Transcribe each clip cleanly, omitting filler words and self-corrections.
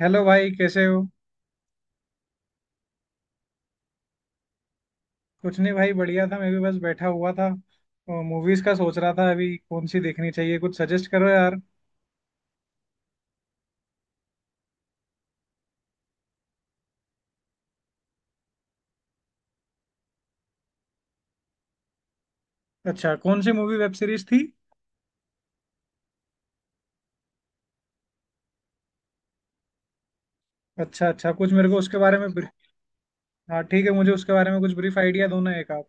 Hello भाई कैसे हो। कुछ नहीं भाई बढ़िया था, मैं भी बस बैठा हुआ था। मूवीज का सोच रहा था, अभी कौन सी देखनी चाहिए, कुछ सजेस्ट करो यार। अच्छा कौन सी मूवी वेब सीरीज थी? अच्छा अच्छा, कुछ मेरे को उसके बारे में हाँ ठीक है, मुझे उसके बारे में कुछ ब्रीफ आइडिया दो ना एक आप।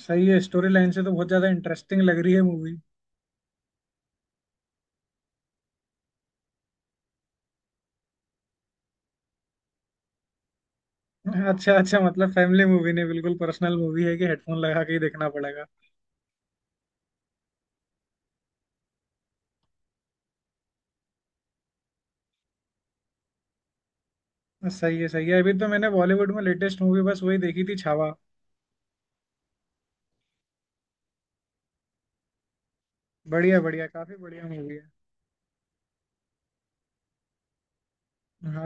सही है, स्टोरी लाइन से तो बहुत ज्यादा इंटरेस्टिंग लग रही है मूवी। अच्छा अच्छा, मतलब फैमिली मूवी नहीं बिल्कुल, पर्सनल मूवी है कि हेडफोन लगा के ही देखना पड़ेगा। सही है सही है। अभी तो मैंने बॉलीवुड में लेटेस्ट मूवी बस वही देखी थी, छावा। बढ़िया बढ़िया, काफी बढ़िया मूवी है।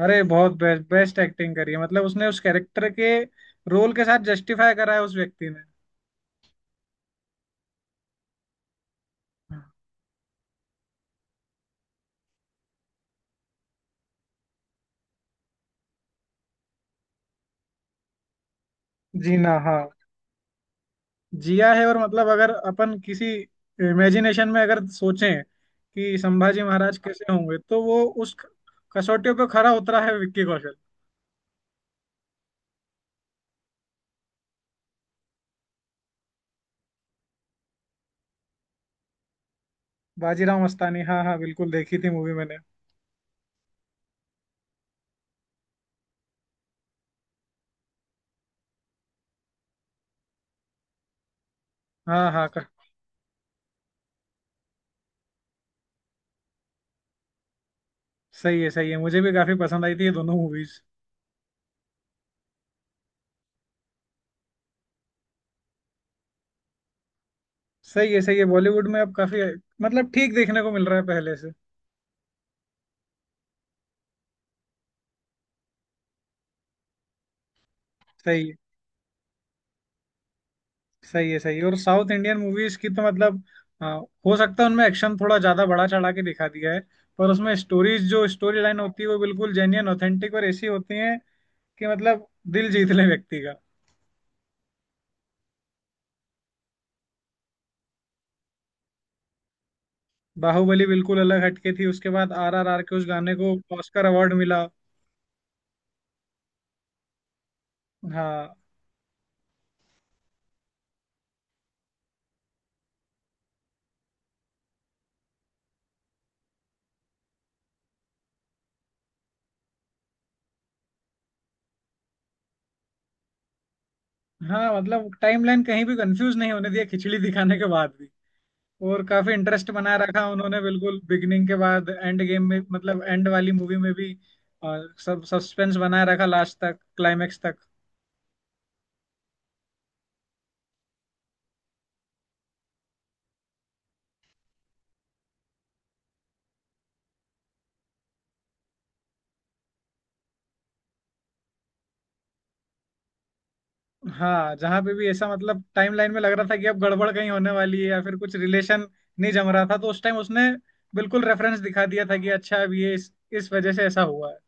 अरे बहुत बेस्ट बेस्ट एक्टिंग करी है, मतलब उसने उस कैरेक्टर के रोल के साथ जस्टिफाई करा है उस व्यक्ति ने। हाँ। जीना हाँ, जिया है। और मतलब अगर अपन किसी इमेजिनेशन में अगर सोचें कि संभाजी महाराज कैसे होंगे, तो वो उस कसौटियों पे खरा उतरा है विक्की कौशल। बाजीराव मस्तानी, हाँ हाँ बिल्कुल देखी थी मूवी मैंने। हाँ हाँ क- सही है सही है, मुझे भी काफी पसंद आई थी ये दोनों मूवीज। सही है सही है, बॉलीवुड में अब काफी मतलब ठीक देखने को मिल रहा है पहले से। सही है। सही है सही है, और साउथ इंडियन मूवीज की तो मतलब अ, हो सकता है उनमें एक्शन थोड़ा ज्यादा बढ़ा चढ़ा के दिखा दिया है, पर उसमें स्टोरीज, जो स्टोरी लाइन होती है वो बिल्कुल जेन्युइन ऑथेंटिक और ऐसी होती है कि मतलब दिल जीत ले व्यक्ति का। बाहुबली बिल्कुल अलग हटके थी, उसके बाद आर आर आर के उस गाने को ऑस्कर अवार्ड मिला। हाँ। हाँ मतलब टाइमलाइन कहीं भी कंफ्यूज नहीं होने दिया खिचड़ी दिखाने के बाद भी, और काफी इंटरेस्ट बना रखा उन्होंने बिल्कुल बिगिनिंग के बाद एंड गेम में, मतलब एंड वाली मूवी में भी अ, सब सस्पेंस बनाए रखा लास्ट तक, क्लाइमेक्स तक। हाँ जहाँ पे भी ऐसा मतलब टाइम लाइन में लग रहा था कि अब गड़बड़ कहीं होने वाली है या फिर कुछ रिलेशन नहीं जम रहा था, तो उस टाइम उसने बिल्कुल रेफरेंस दिखा दिया था कि अच्छा अब ये इस वजह से ऐसा हुआ है।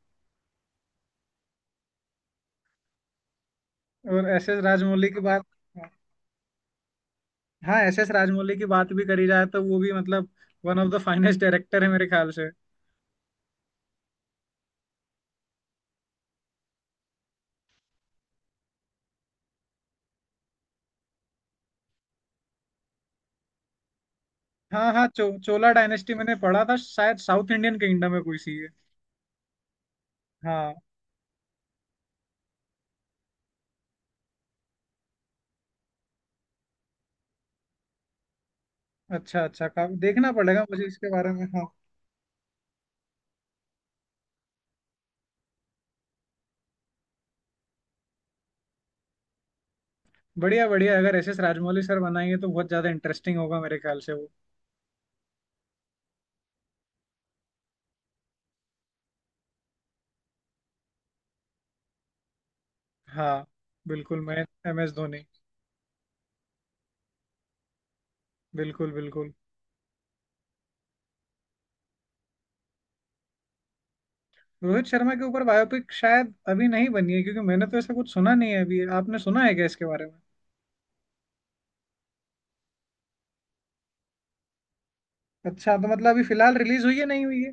और एस एस राजमौली की बात, हाँ एस एस राजमौली की बात भी करी जाए तो वो भी मतलब one of the finest director है मेरे ख्याल से। हाँ हाँ चोला डायनेस्टी मैंने पढ़ा था शायद, साउथ इंडियन किंगडम है कोई सी है। हाँ। अच्छा अच्छा, का देखना पड़ेगा मुझे इसके बारे में, हाँ। बढ़िया बढ़िया, अगर एस एस राजमौली सर बनाएंगे तो बहुत ज्यादा इंटरेस्टिंग होगा मेरे ख्याल से वो। हाँ बिल्कुल मैं। M S Dhoni. बिल्कुल बिल्कुल। रोहित शर्मा के ऊपर बायोपिक शायद अभी नहीं बनी है, क्योंकि मैंने तो ऐसा कुछ सुना नहीं है, अभी आपने सुना है क्या इसके बारे में? अच्छा तो मतलब अभी फिलहाल रिलीज हुई है नहीं हुई है?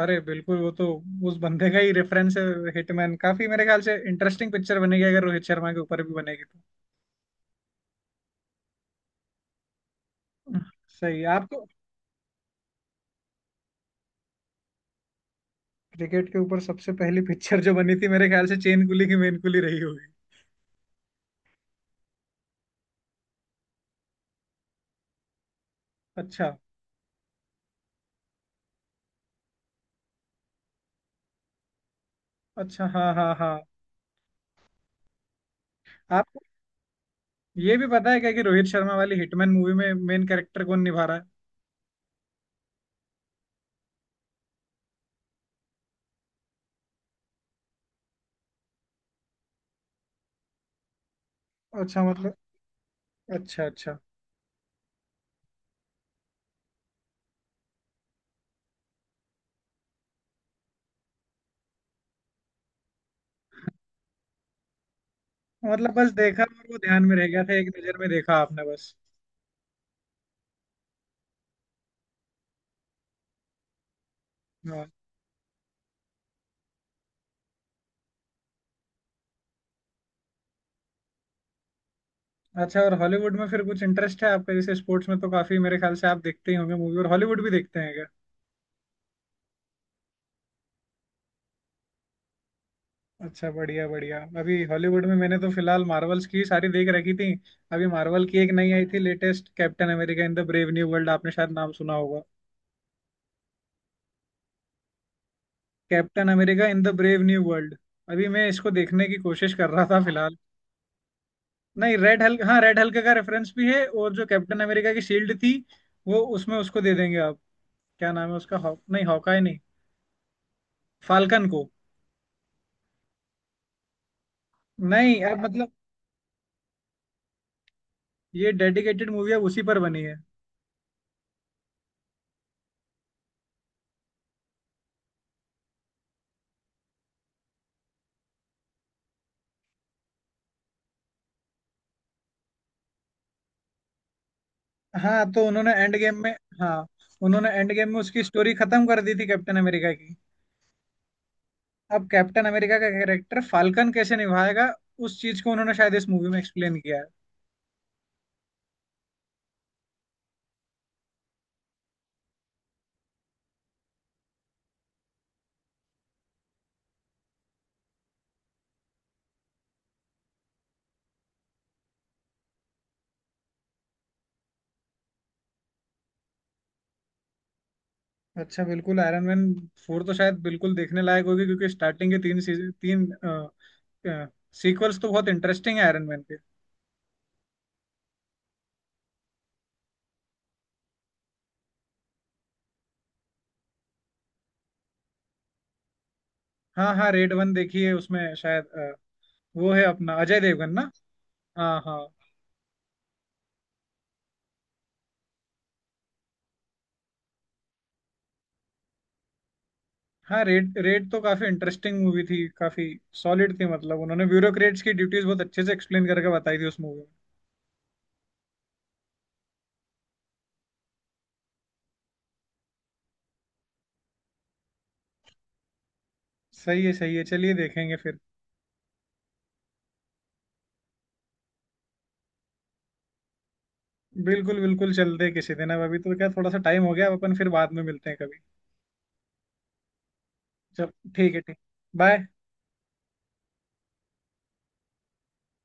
अरे बिल्कुल वो तो उस बंदे का ही रेफरेंस है। हिटमैन काफी मेरे ख्याल से इंटरेस्टिंग पिक्चर बनेगी अगर रोहित शर्मा के ऊपर भी बनेगी तो। सही आपको। क्रिकेट के ऊपर सबसे पहली पिक्चर जो बनी थी मेरे ख्याल से चेन कुली की मेन कुली रही होगी। अच्छा। अच्छा हाँ हाँ हाँ। आपको ये भी पता है क्या कि रोहित शर्मा वाली हिटमैन मूवी में मेन कैरेक्टर कौन निभा रहा है? अच्छा मतलब। अच्छा अच्छा। मतलब बस देखा और वो ध्यान में रह गया था एक नजर में देखा आपने बस। हाँ। अच्छा और हॉलीवुड में फिर कुछ इंटरेस्ट है आपका? जैसे स्पोर्ट्स में तो काफी मेरे ख्याल से आप देखते ही होंगे मूवी, और हॉलीवुड भी देखते हैं क्या? अच्छा बढ़िया बढ़िया, अभी हॉलीवुड में मैंने तो फिलहाल मार्वल्स की सारी देख रखी थी। अभी मार्वल की एक नई आई थी latest, Captain America in the brave new world, आपने शायद नाम सुना होगा। Captain America in the brave new world. अभी मैं इसको देखने की कोशिश कर रहा था फिलहाल। नहीं रेड हल्क, हाँ रेड हल्क का रेफरेंस भी है, और जो कैप्टन अमेरिका की शील्ड थी वो उसमें उसको दे देंगे आप। क्या नाम है उसका, हॉक नहीं, हॉकाई नहीं, फाल्कन को। नहीं अब मतलब ये डेडिकेटेड मूवी है उसी पर बनी है। हाँ तो उन्होंने एंड गेम में, हाँ उन्होंने एंड गेम में उसकी स्टोरी खत्म कर दी थी कैप्टन अमेरिका की। अब कैप्टन अमेरिका का कैरेक्टर फाल्कन कैसे निभाएगा उस चीज को उन्होंने शायद इस मूवी में एक्सप्लेन किया है। अच्छा बिल्कुल, आयरन मैन फोर तो शायद बिल्कुल देखने लायक होगी क्योंकि स्टार्टिंग के तीन सीजन, तीन सीक्वल्स तो बहुत इंटरेस्टिंग है आयरन मैन के। हाँ हाँ रेड वन देखी है, उसमें शायद वो है अपना अजय देवगन ना। हाँ हाँ हाँ। रेड, रेड तो काफी इंटरेस्टिंग मूवी थी, काफी सॉलिड थी, मतलब उन्होंने ब्यूरोक्रेट्स की ड्यूटीज बहुत अच्छे से एक्सप्लेन करके बताई थी उस मूवी में। सही है सही है, चलिए देखेंगे फिर। बिल्कुल बिल्कुल, चलते हैं किसी दिन, अब अभी तो क्या थोड़ा सा टाइम हो गया, अब अपन फिर बाद में मिलते हैं कभी। चल ठीक है, ठीक। बाय।